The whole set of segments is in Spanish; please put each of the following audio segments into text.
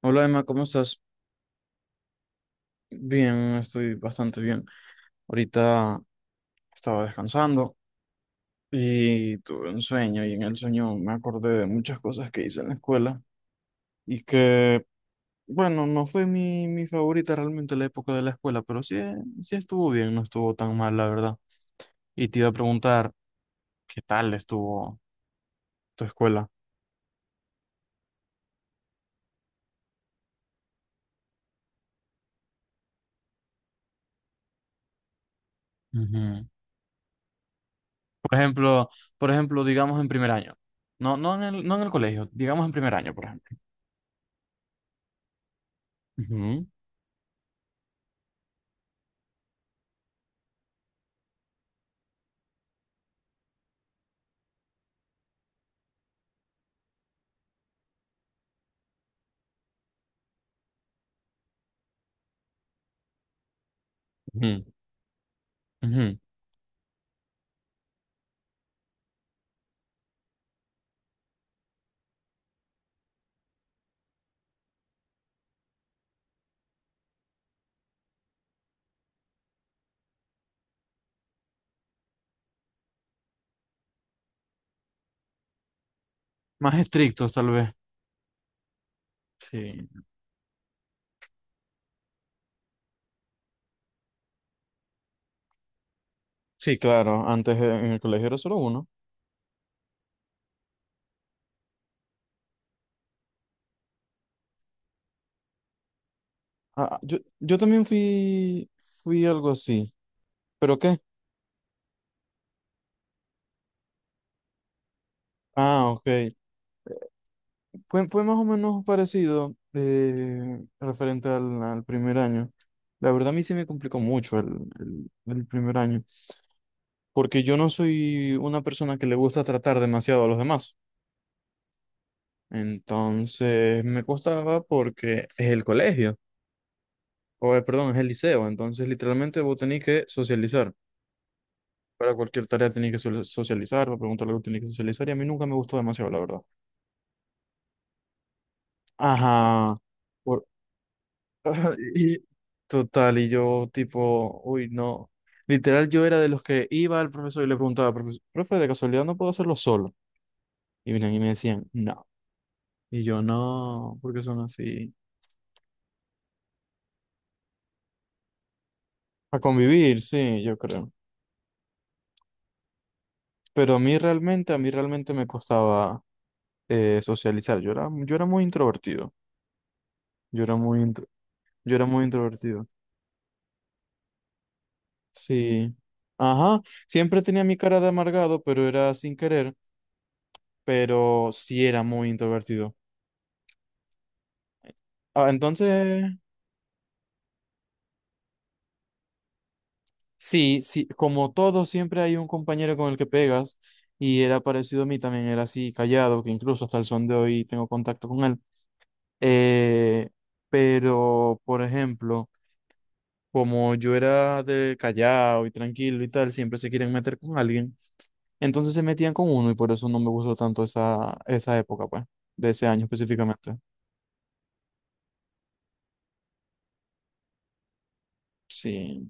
Hola Emma, ¿cómo estás? Bien, estoy bastante bien. Ahorita estaba descansando y tuve un sueño y en el sueño me acordé de muchas cosas que hice en la escuela y que, bueno, no fue mi favorita realmente la época de la escuela, pero sí, sí estuvo bien, no estuvo tan mal, la verdad. Y te iba a preguntar, ¿qué tal estuvo tu escuela? Ujú. Por ejemplo, por ejemplo, digamos en primer año. No, no en el, no en el colegio, digamos en primer año, por ejemplo. Ujú, ujú, ujú. Más estrictos, tal vez. Sí. Sí, claro. Antes en el colegio era solo uno. Ah, yo también fui, fui algo así. ¿Pero qué? Ah, ok. Fue más o menos parecido referente al primer año. La verdad a mí se me complicó mucho el primer año, porque yo no soy una persona que le gusta tratar demasiado a los demás. Entonces me costaba porque es el colegio. O perdón, es el liceo, entonces literalmente vos tenés que socializar. Para cualquier tarea tenés que socializar, para preguntar algo tenés que socializar, y a mí nunca me gustó demasiado, la verdad. Ajá. Por... Y total, y yo tipo, uy, no. Literal, yo era de los que iba al profesor y le preguntaba, Profe, de casualidad no puedo hacerlo solo." Y venían y me decían, no. Y yo, no, porque son así. A convivir, sí, yo creo. Pero a mí realmente me costaba socializar. Yo era muy introvertido. Yo era muy, yo era muy introvertido. Sí. Ajá. Siempre tenía mi cara de amargado, pero era sin querer. Pero sí era muy introvertido. Ah, entonces, sí, sí, como todo, siempre hay un compañero con el que pegas. Y era parecido a mí también, era así callado, que incluso hasta el son de hoy tengo contacto con él. Eh, pero, por ejemplo, como yo era de callado y tranquilo y tal, siempre se quieren meter con alguien. Entonces se metían con uno y por eso no me gustó tanto esa época, pues, de ese año específicamente. Sí.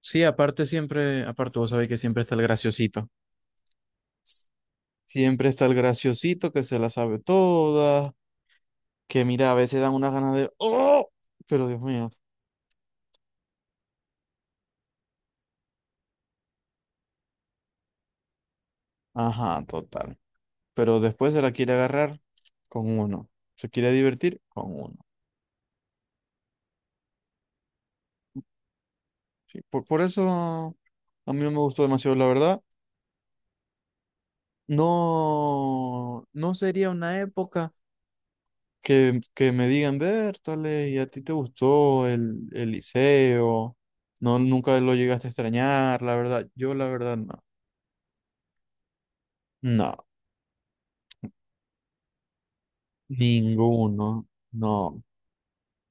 Sí, aparte siempre, aparte vos sabés que siempre está el graciosito. Siempre está el graciosito que se la sabe toda, que mira, a veces dan unas ganas de, ¡oh! Pero Dios mío. Ajá, total. Pero después se la quiere agarrar con uno. Se quiere divertir con uno. Sí, por eso a mí no me gustó demasiado, la verdad. No, no sería una época que me digan, Bertale, ¿y a ti te gustó el liceo? No, nunca lo llegaste a extrañar, la verdad. Yo, la verdad, no. No, ninguno, no.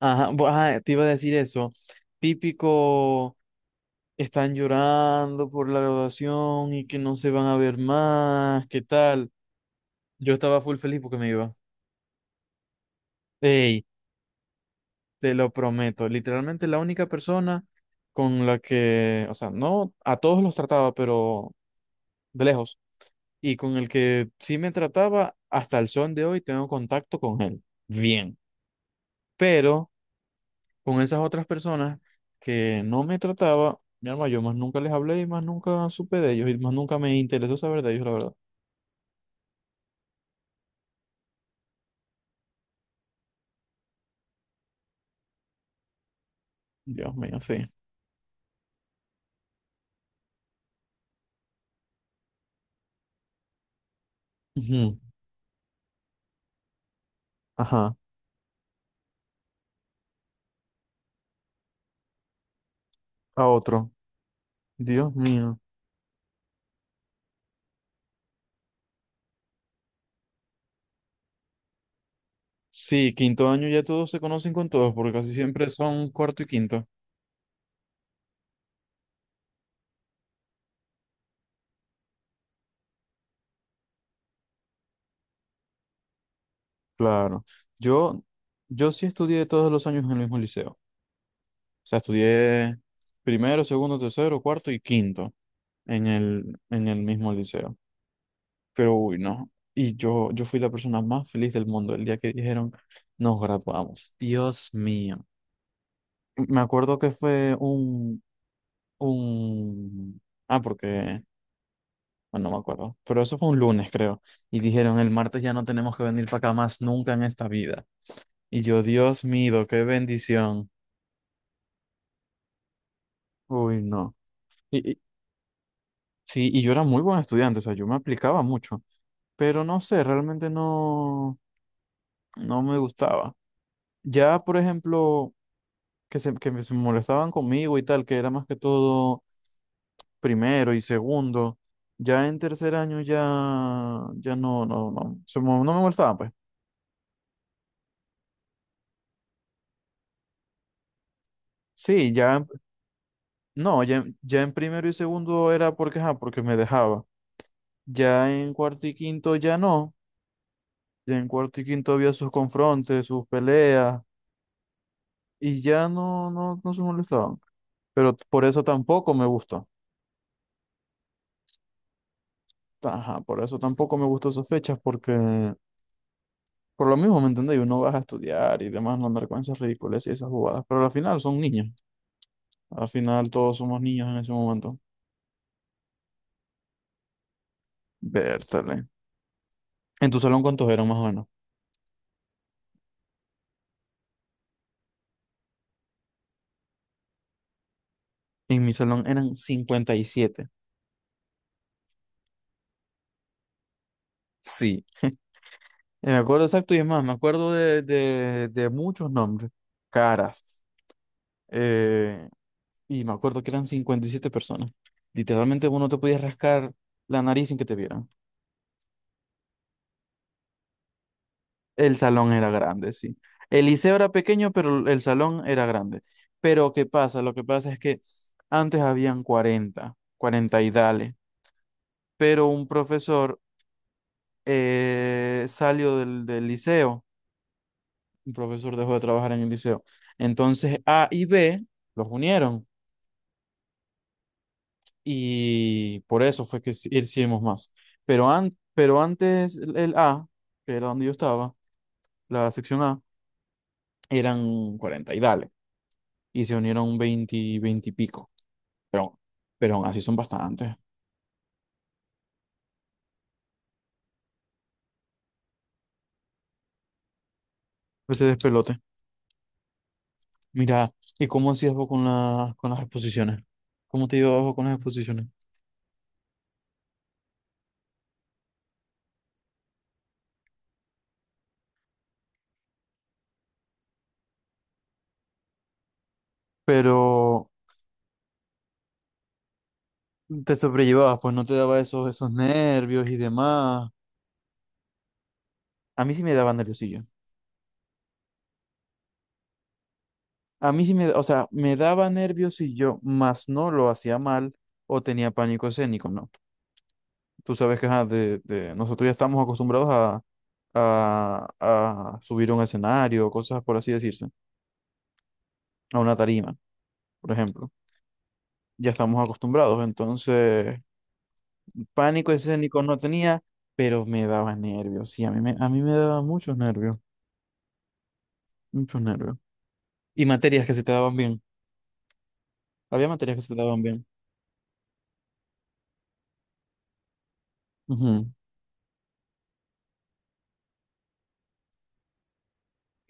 Ajá, ajá, te iba a decir eso. Típico, están llorando por la graduación y que no se van a ver más, ¿qué tal? Yo estaba full feliz porque me iba. Ey, te lo prometo, literalmente la única persona con la que, o sea, no a todos los trataba, pero de lejos, y con el que sí me trataba, hasta el son de hoy tengo contacto con él. Bien. Pero con esas otras personas que no me trataba, mi alma, yo más nunca les hablé y más nunca supe de ellos y más nunca me interesó saber de ellos, la verdad. Dios mío, sí. Ujú. Ajá, a otro. Dios mío. Sí, quinto año ya todos se conocen con todos, porque casi siempre son cuarto y quinto. Claro. Yo, yo sí estudié todos los años en el mismo liceo. O sea, estudié primero, segundo, tercero, cuarto y quinto en el mismo liceo. Pero uy, no. Y yo fui la persona más feliz del mundo el día que dijeron, nos graduamos. Dios mío. Me acuerdo que fue un. Ah, porque... Bueno, no me acuerdo. Pero eso fue un lunes, creo. Y dijeron, el martes ya no tenemos que venir para acá más nunca en esta vida. Y yo, Dios mío, qué bendición. Uy, no. Y sí, y yo era muy buen estudiante, o sea, yo me aplicaba mucho, pero no sé, realmente no, no me gustaba. Ya, por ejemplo, que se molestaban conmigo y tal, que era más que todo primero y segundo, ya en tercer año ya, ya no, no, no, no me molestaban, pues. Sí, no, ya en primero y segundo era porque, ajá, porque me dejaba. Ya en cuarto y quinto ya no, ya en cuarto y quinto había sus confrontes, sus peleas y ya no, no, no se molestaban. Pero por eso tampoco me gusta. Ajá, por eso tampoco me gustó esas fechas, porque por lo mismo, ¿me entendéis? Uno vas a estudiar y demás, no andar con esas ridículas y esas jugadas. Pero al final son niños. Al final todos somos niños en ese momento. Vértale. ¿En tu salón cuántos eran más o menos? En mi salón eran 57. Sí. Me acuerdo exacto y es más, me acuerdo de muchos nombres, caras. Eh, Y me acuerdo que eran 57 personas. Literalmente uno te podía rascar la nariz sin que te vieran. El salón era grande, sí. El liceo era pequeño, pero el salón era grande. Pero ¿qué pasa? Lo que pasa es que antes habían 40 40 y dale. Pero un profesor salió del liceo. Un profesor dejó de trabajar en el liceo. Entonces A y B los unieron. Y por eso fue que hicimos más. Pero, pero antes el A, que era donde yo estaba, la sección A, eran 40 y dale, y se unieron 20 20 y pico, pero, pero aún así son bastantes. Ese despelote. Mira, ¿y cómo hacías vos con, la, con las exposiciones? ¿Cómo te llevabas vos con las exposiciones? Pero te sobrellevabas, pues no te daba esos, esos nervios y demás. A mí sí me daba nerviosillo. A mí sí me, o sea, me daba nervios y yo más no lo hacía mal o tenía pánico escénico, ¿no? Tú sabes que ajá, de, nosotros ya estamos acostumbrados a, a subir a un escenario, cosas por así decirse, a una tarima, por ejemplo. Ya estamos acostumbrados, entonces pánico escénico no tenía, pero me daba nervios, sí, a mí me daba muchos nervios, muchos nervios. Y materias que se te daban bien, había materias que se te daban bien. Ujú.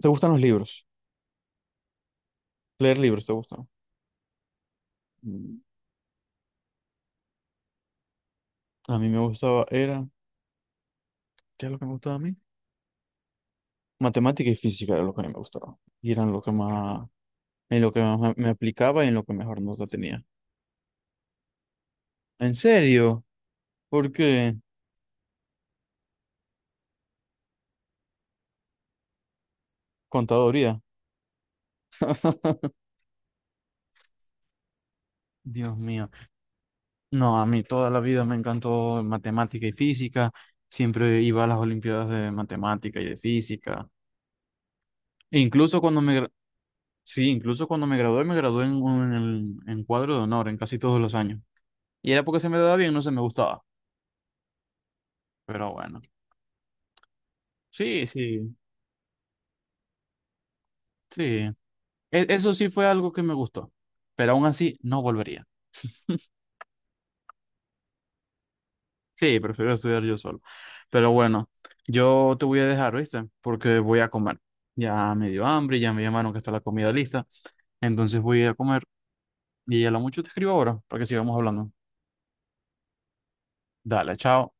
¿Te gustan los libros? ¿Leer libros te gustan? A mí me gustaba, era, ¿qué es lo que me gustaba a mí? Matemática y física era lo que a mí me gustaba. Y eran lo que más, en lo que más me aplicaba y en lo que mejor nota tenía. ¿En serio? ¿Por qué? Contaduría. Dios mío. No, a mí toda la vida me encantó matemática y física. Siempre iba a las olimpiadas de matemática y de física. E incluso cuando sí, incluso cuando me gradué en cuadro de honor en casi todos los años. Y era porque se me daba bien, no se me gustaba. Pero bueno. Sí, sí, sí. Eso sí fue algo que me gustó, pero aún así no volvería. Sí, prefiero estudiar yo solo. Pero bueno, yo te voy a dejar, ¿viste? Porque voy a comer. Ya me dio hambre, ya me llamaron que está la comida lista. Entonces voy a ir a comer y a lo mucho te escribo ahora para que sigamos hablando. Dale, chao.